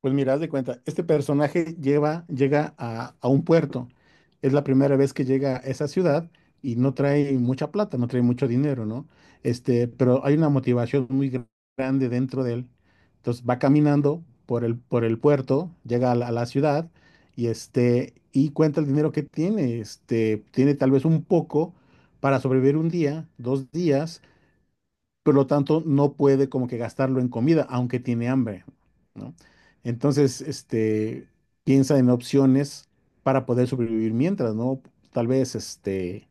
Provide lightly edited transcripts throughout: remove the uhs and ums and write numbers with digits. Pues mira, haz de cuenta, este personaje llega a un puerto. Es la primera vez que llega a esa ciudad y no trae mucha plata, no trae mucho dinero, ¿no? Este, pero hay una motivación muy grande dentro de él. Entonces va caminando por por el puerto, llega a a la ciudad y este, y cuenta el dinero que tiene. Este, tiene tal vez un poco para sobrevivir un día, dos días, por lo tanto no puede como que gastarlo en comida, aunque tiene hambre, ¿no? Entonces, este, piensa en opciones para poder sobrevivir mientras, ¿no? Tal vez, este,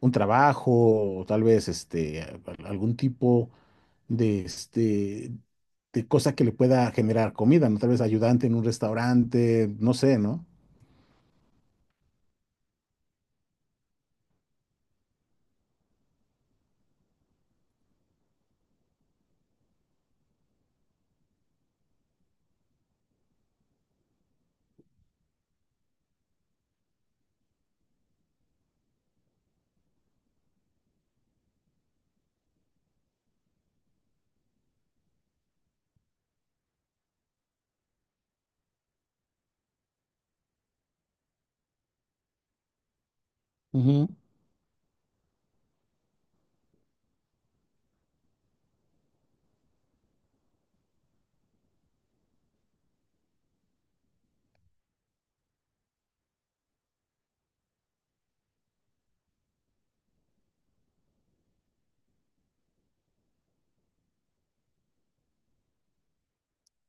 un trabajo, o tal vez, este, algún tipo de, este, de cosa que le pueda generar comida, ¿no? Tal vez ayudante en un restaurante, no sé, ¿no?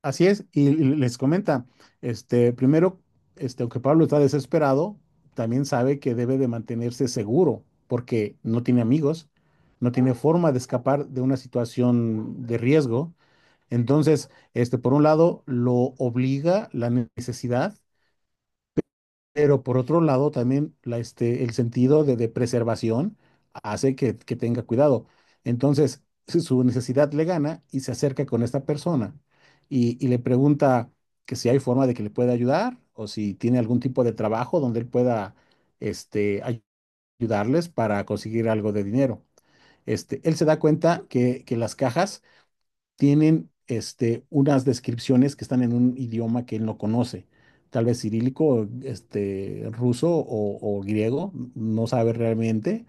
Así es, y les comenta, este, primero, este, aunque Pablo está desesperado, también sabe que debe de mantenerse seguro, porque no tiene amigos, no tiene forma de escapar de una situación de riesgo. Entonces, este, por un lado, lo obliga la necesidad, pero por otro lado, también este, el sentido de preservación hace que tenga cuidado. Entonces, si su necesidad le gana y se acerca con esta persona y le pregunta que si hay forma de que le pueda ayudar o si tiene algún tipo de trabajo donde él pueda este, ayudarles para conseguir algo de dinero. Este, él se da cuenta que las cajas tienen este, unas descripciones que están en un idioma que él no conoce, tal vez cirílico, este, ruso o griego, no sabe realmente,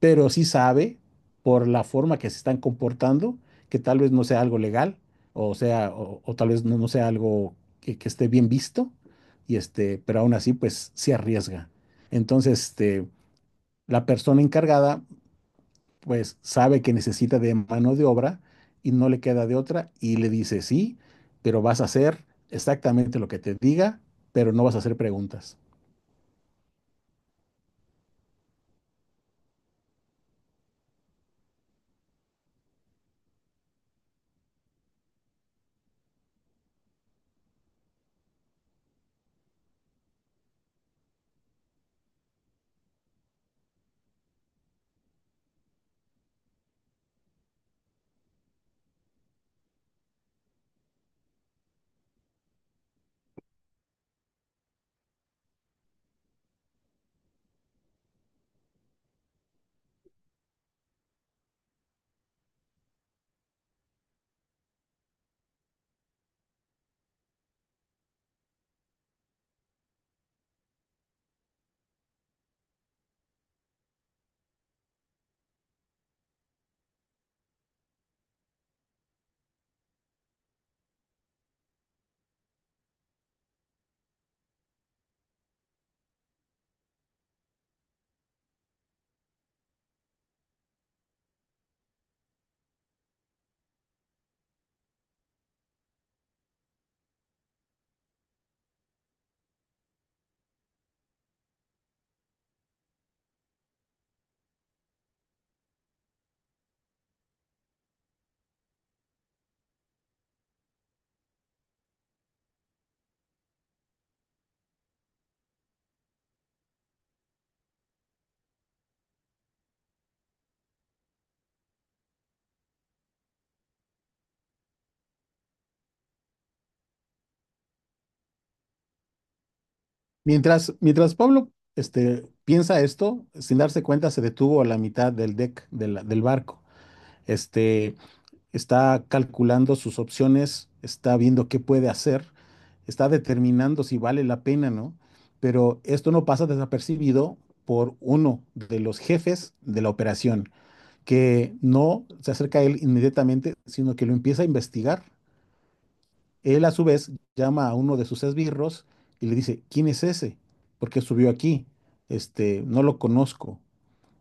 pero sí sabe por la forma que se están comportando que tal vez no sea algo legal, o sea, o tal vez no sea algo que esté bien visto, y este, pero aún así, pues se arriesga. Entonces, este, la persona encargada pues sabe que necesita de mano de obra y no le queda de otra y le dice sí, pero vas a hacer exactamente lo que te diga, pero no vas a hacer preguntas. Mientras Pablo este, piensa esto, sin darse cuenta se detuvo a la mitad del deck del barco. Este, está calculando sus opciones, está viendo qué puede hacer, está determinando si vale la pena, ¿no? Pero esto no pasa desapercibido por uno de los jefes de la operación, que no se acerca a él inmediatamente, sino que lo empieza a investigar. Él a su vez llama a uno de sus esbirros y le dice, ¿quién es ese? ¿Por qué subió aquí? Este, no lo conozco.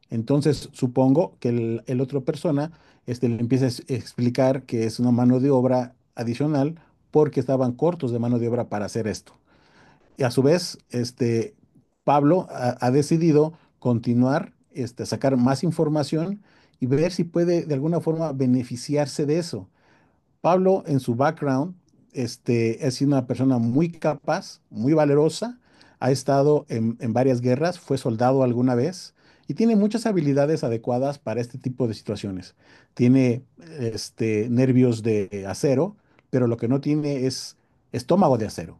Entonces supongo que el otro persona este, le empieza a explicar que es una mano de obra adicional porque estaban cortos de mano de obra para hacer esto. Y a su vez, este, Pablo ha decidido continuar, este, sacar más información y ver si puede de alguna forma beneficiarse de eso. Pablo, en su background, este, es una persona muy capaz, muy valerosa, ha estado en varias guerras, fue soldado alguna vez y tiene muchas habilidades adecuadas para este tipo de situaciones. Tiene este, nervios de acero, pero lo que no tiene es estómago de acero.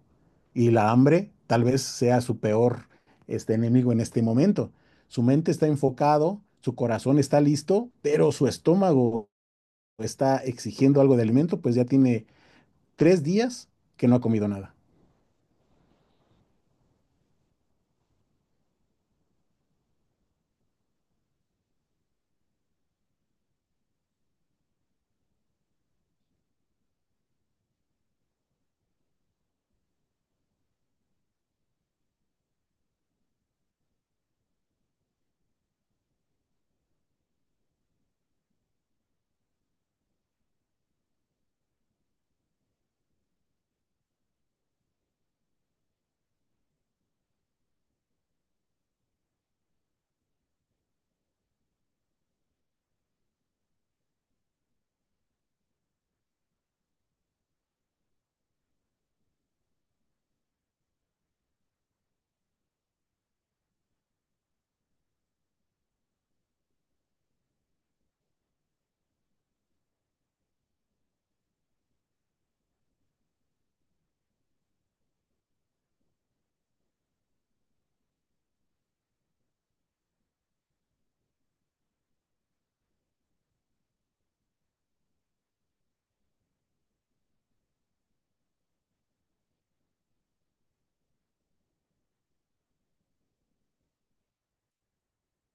Y la hambre tal vez sea su peor este, enemigo en este momento. Su mente está enfocado, su corazón está listo, pero su estómago está exigiendo algo de alimento, pues ya tiene tres días que no ha comido nada.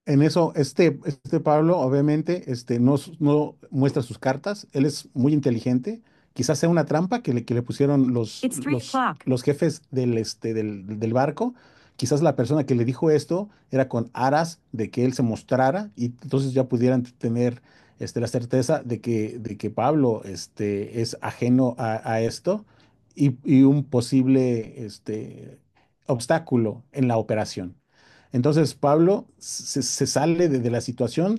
En eso, este Pablo obviamente este, no muestra sus cartas, él es muy inteligente, quizás sea una trampa que que le pusieron los, it's 3 los, o'clock. Los jefes del, este, del barco, quizás la persona que le dijo esto era con aras de que él se mostrara y entonces ya pudieran tener este, la certeza de de que Pablo este, es ajeno a esto y un posible este, obstáculo en la operación. Entonces Pablo se sale de la situación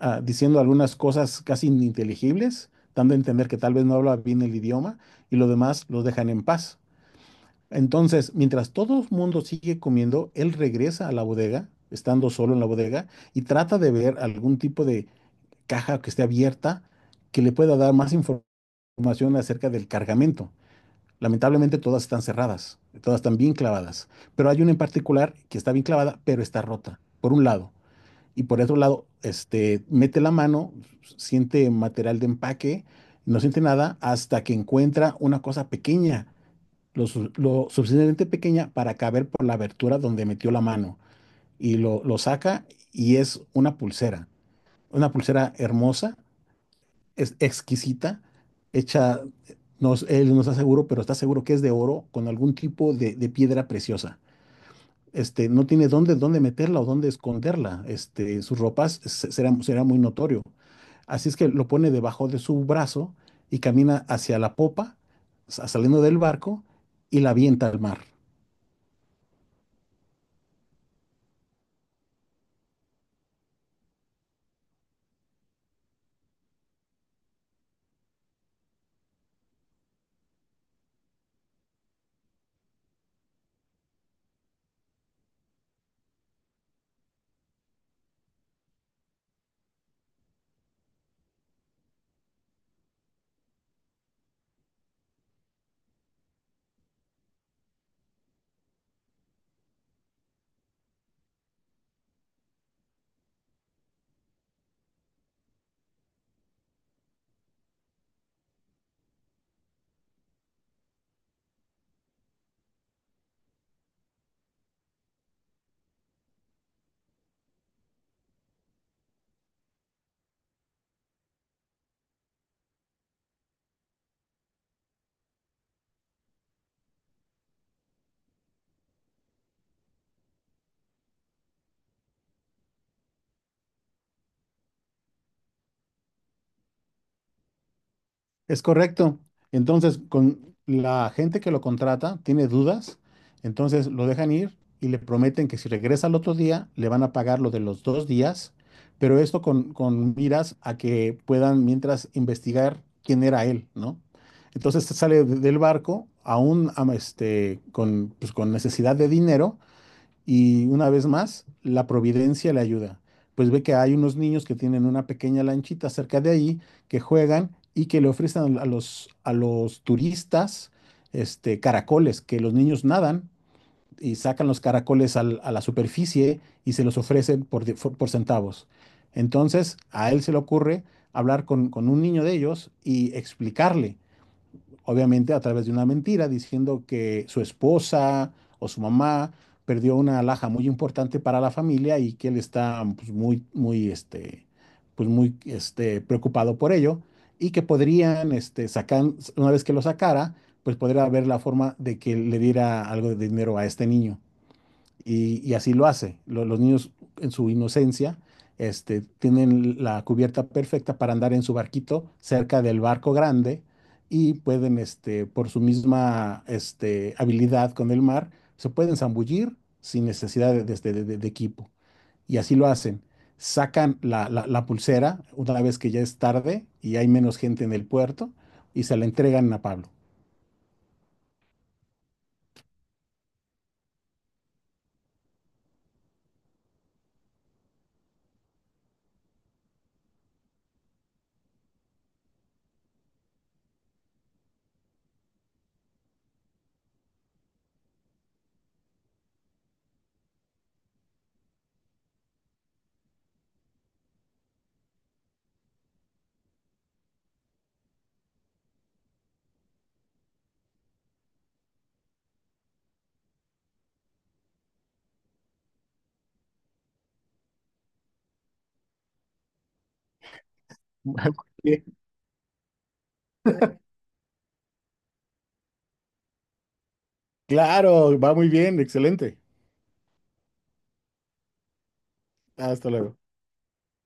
ah, diciendo algunas cosas casi ininteligibles, dando a entender que tal vez no habla bien el idioma y lo demás los dejan en paz. Entonces, mientras todo el mundo sigue comiendo, él regresa a la bodega, estando solo en la bodega, y trata de ver algún tipo de caja que esté abierta que le pueda dar más información acerca del cargamento. Lamentablemente todas están cerradas, todas están bien clavadas, pero hay una en particular que está bien clavada, pero está rota, por un lado. Y por otro lado, este, mete la mano, siente material de empaque, no siente nada hasta que encuentra una cosa pequeña, lo suficientemente pequeña para caber por la abertura donde metió la mano. Y lo saca y es una pulsera hermosa, es exquisita, hecha, no, él no está seguro, pero está seguro que es de oro con algún tipo de piedra preciosa. Este, no tiene dónde, dónde meterla o dónde esconderla. Este, sus ropas será, será muy notorio. Así es que lo pone debajo de su brazo y camina hacia la popa, saliendo del barco y la avienta al mar. Es correcto. Entonces, con la gente que lo contrata tiene dudas, entonces lo dejan ir y le prometen que si regresa al otro día, le van a pagar lo de los dos días, pero esto con miras a que puedan mientras investigar quién era él, ¿no? Entonces se sale del barco, aún este, con, pues, con necesidad de dinero, y una vez más, la providencia le ayuda, pues ve que hay unos niños que tienen una pequeña lanchita cerca de ahí, que juegan y que le ofrecen a los turistas este, caracoles, que los niños nadan y sacan los caracoles a la superficie y se los ofrecen por, por centavos. Entonces, a él se le ocurre hablar con un niño de ellos y explicarle obviamente a través de una mentira, diciendo que su esposa o su mamá perdió una alhaja muy importante para la familia y que él está pues, muy, muy, este, pues, muy este, preocupado por ello y que podrían, este, sacar, una vez que lo sacara, pues podría haber la forma de que le diera algo de dinero a este niño. Y así lo hace. Los niños en su inocencia este, tienen la cubierta perfecta para andar en su barquito cerca del barco grande y pueden, este, por su misma este, habilidad con el mar, se pueden zambullir sin necesidad de, de equipo. Y así lo hacen. Sacan la pulsera una vez que ya es tarde y hay menos gente en el puerto y se la entregan a Pablo. Muy bien. Claro, va muy bien, excelente. Hasta luego.